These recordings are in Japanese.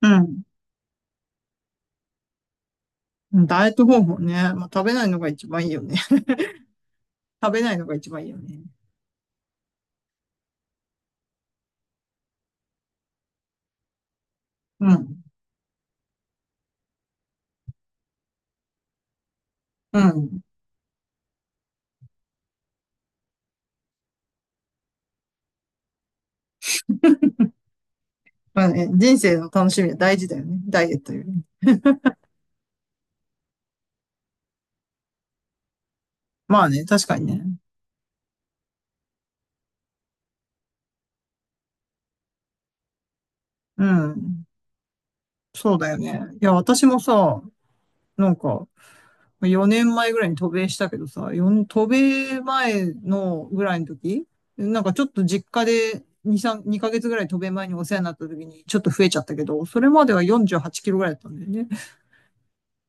うん。うん。ダイエット方法ね。まあ、食べないのが一番いいよね。食べないのが一番いいよね。うん。うん。まあね、人生の楽しみは大事だよね。ダイエットより。まあね、確かにね。うん。そうだよね。いや、私もさ、なんか、4年前ぐらいに渡米したけどさ、4渡米前のぐらいの時、なんかちょっと実家で2ヶ月ぐらい渡米前にお世話になった時にちょっと増えちゃったけど、それまでは48キロぐらいだったんだよね。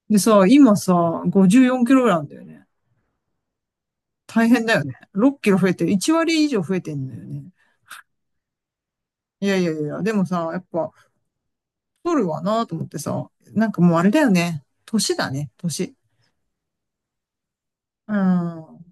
でさ、今さ、54キロぐらいなんだよね。大変だよね。6キロ増えてる。1割以上増えてんだよね。いやいやいや、でもさ、やっぱ、太るわなと思ってさ、なんかもうあれだよね。年だね、年。うん。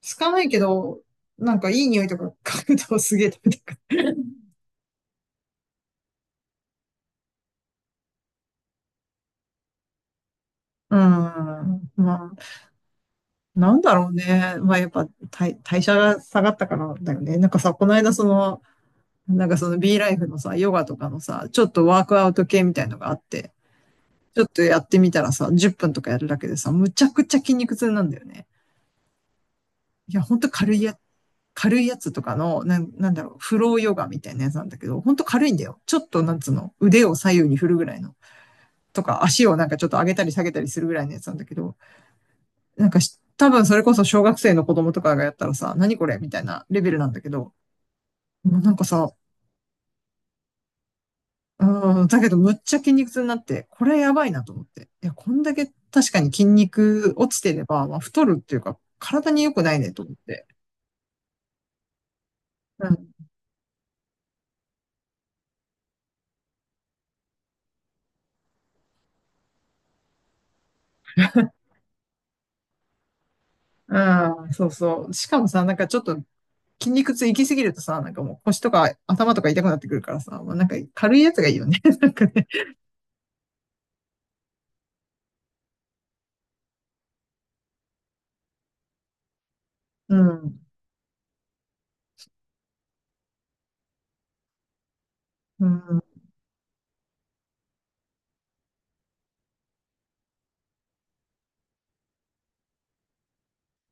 つかないけど、なんかいい匂いとか嗅ぐとすげえ食べたくなる。うん。まあ、なんだろうね。まあやっぱ代謝が下がったからだよね。なんかさ、この間その、なんかその B ライフのさ、ヨガとかのさ、ちょっとワークアウト系みたいのがあって、ちょっとやってみたらさ、10分とかやるだけでさ、むちゃくちゃ筋肉痛なんだよね。いや、ほんと軽いやつとかの、なんだろう、フローヨガみたいなやつなんだけど、ほんと軽いんだよ。ちょっと、なんつうの、腕を左右に振るぐらいの。とか、足をなんかちょっと上げたり下げたりするぐらいのやつなんだけど、なんか多分それこそ小学生の子供とかがやったらさ、何これみたいなレベルなんだけど、もうなんかさ、うん、だけどむっちゃ筋肉痛になって、これやばいなと思って。いや、こんだけ確かに筋肉落ちてれば、まあ、太るっていうか、体に良くないねと思って。うん。うん、そうそう。しかもさ、なんかちょっと筋肉痛行き過ぎるとさ、なんかもう腰とか頭とか痛くなってくるからさ、まあ、なんか軽いやつがいいよね。なんかね。うん。うん。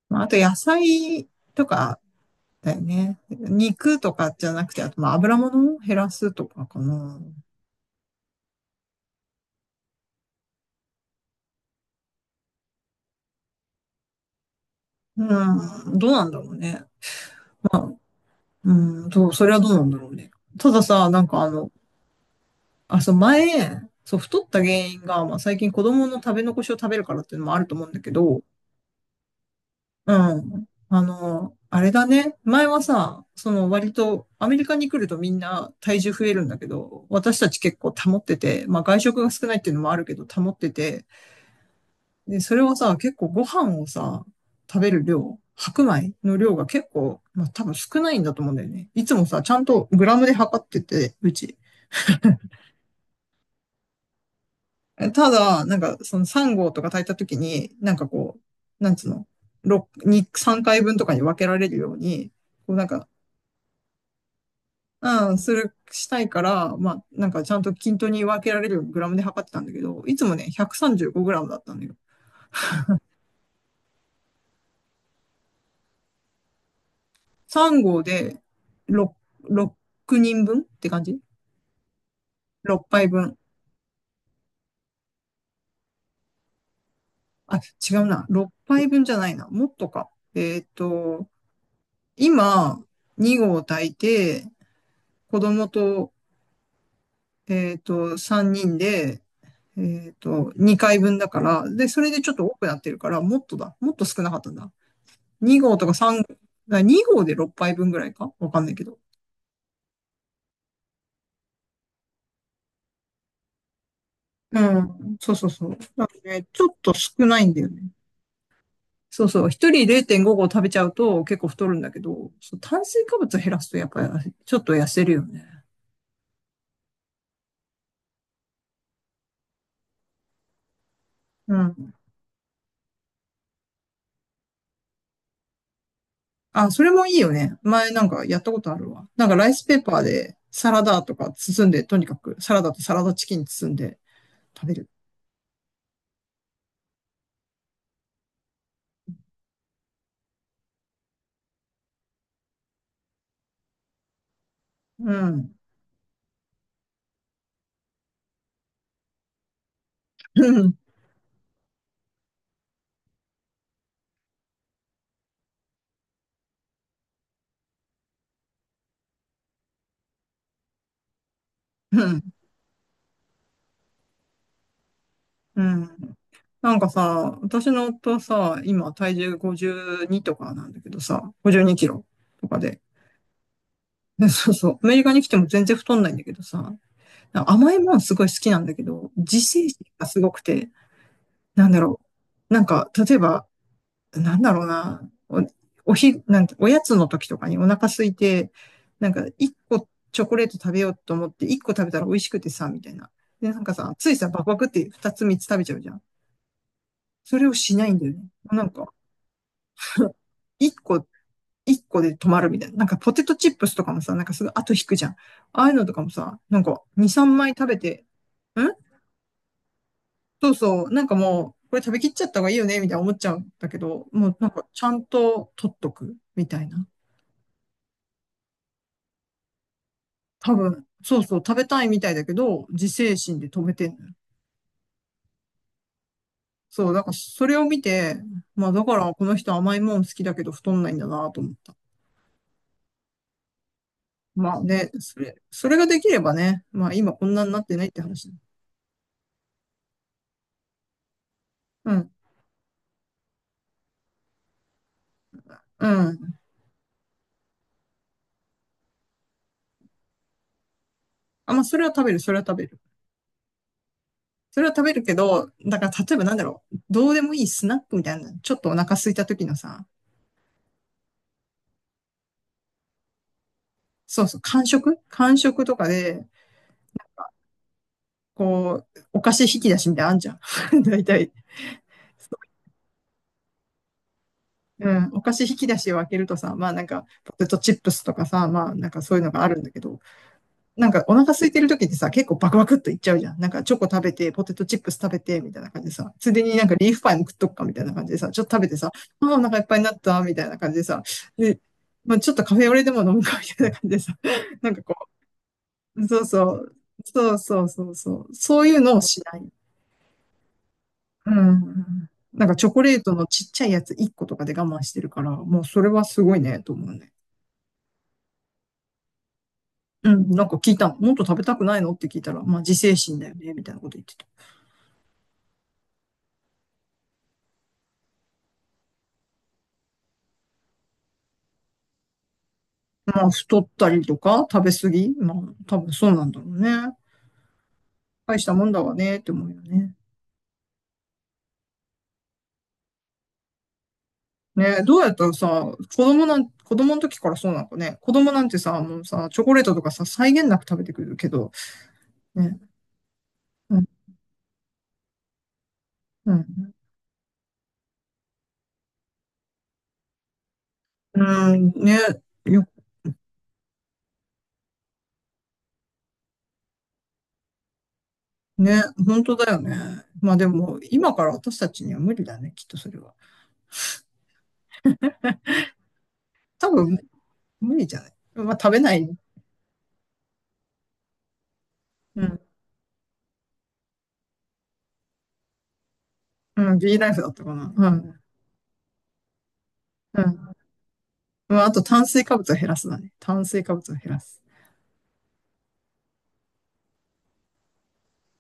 まあ、あと野菜とかだよね。肉とかじゃなくて、あとまあ油物を減らすとかかな。うん。どうなんだろうね。うん、そう、それはどうなんだろうね。たださ、なんかあの、あ、そう、前、そう、太った原因が、まあ最近子供の食べ残しを食べるからっていうのもあると思うんだけど、うん。あの、あれだね。前はさ、その割とアメリカに来るとみんな体重増えるんだけど、私たち結構保ってて、まあ外食が少ないっていうのもあるけど保ってて、で、それはさ、結構ご飯をさ、食べる量、白米の量が結構、まあ多分少ないんだと思うんだよね。いつもさ、ちゃんとグラムで測ってて、うち。ただ、なんか、その3号とか炊いた時に、なんかこう、なんつうの、3回分とかに分けられるように、こうなんか、うん、したいから、まあ、なんかちゃんと均等に分けられるようにグラムで測ってたんだけど、いつもね、135グラムだったんだよ。3号で6、6人分って感じ？ 6 杯分。あ、違うな。6杯分じゃないな。もっとか。えっと、今、2合炊いて、子供とえっと、3人で、えっと、2回分だから、で、それでちょっと多くなってるから、もっとだ。もっと少なかったんだ。2号とか3、あ2号で6杯分ぐらいかわかんないけど。うん。そうそうそう。だからね、ちょっと少ないんだよね。そうそう。一人0.5合食べちゃうと結構太るんだけど、そう炭水化物減らすとやっぱりちょっと痩せるよね。うん。あ、それもいいよね。前なんかやったことあるわ。なんかライスペーパーでサラダとか包んで、とにかくサラダとサラダチキン包んで、食べる。うん。うん。うん。うん。なんかさ、私の夫はさ、今体重52とかなんだけどさ、52キロとかで。でそうそう。アメリカに来ても全然太んないんだけどさ、なんか甘いもんすごい好きなんだけど、自制心がすごくて、なんだろう。なんか、例えばなんだろうな、お、おひ、なんて、おやつの時とかにお腹空いて、なんか一個チョコレート食べようと思って一個食べたら美味しくてさ、みたいな。で、なんかさ、ついさ、バクバクって二つ三つ食べちゃうじゃん。それをしないんだよね。なんか、一個、一個で止まるみたいな。なんかポテトチップスとかもさ、なんかすぐ後引くじゃん。ああいうのとかもさ、なんか二三枚食べて、んそうそう、なんかもう、これ食べきっちゃった方がいいよね、みたいな思っちゃうんだけど、もうなんかちゃんと取っとく、みたいな。多分、そうそう、食べたいみたいだけど、自制心で止めてんのよ。そう、だからそれを見て、まあだからこの人甘いもん好きだけど太んないんだなと思った。まあね、それができればね、まあ今こんなになってないって話だ。うん、うん。あ、まあそれは食べる、それは食べる。それは食べるけど、だから例えばなんだろう、どうでもいいスナックみたいな、ちょっとお腹空いた時のさ、そうそう、間食間食とかで、こう、お菓子引き出しみたいなのあんじゃん。大体。うん、お菓子引き出しを開けるとさ、まあなんか、ポテトチップスとかさ、まあなんかそういうのがあるんだけど、なんかお腹空いてる時ってさ、結構バクバクっといっちゃうじゃん。なんかチョコ食べて、ポテトチップス食べて、みたいな感じでさ、ついでになんかリーフパイも食っとくか、みたいな感じでさ、ちょっと食べてさ、ああ、お腹いっぱいになった、みたいな感じでさ、で、まあちょっとカフェオレでも飲むか、みたいな感じでさ、なんかこう、そうそう、そうそうそうそう、そういうのをしない。うん。なんかチョコレートのちっちゃいやつ1個とかで我慢してるから、もうそれはすごいね、と思うね。うん、なんか聞いたの。もっと食べたくないのって聞いたら、まあ自制心だよね、みたいなこと言ってた。まあ太ったりとか食べ過ぎまあ多分そうなんだろうね。大したもんだわね、って思うよね。ねえ、どうやったらさ、子供の時からそうなのかね。子供なんてさ、もうさ、チョコレートとかさ、際限なく食べてくるけど、ね、うん、うん、うんね、よ、ね、本当だよね。まあでも、今から私たちには無理だね、きっとそれは。多分、無理じゃない。まあ食べないね。うんうん、ビーライフだったかな。うん。うん。うん、あと炭水化物を減らすだね。炭水化物を減らす。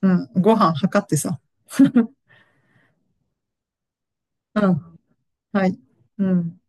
うん。ご飯測ってさ。うん。はい。うん。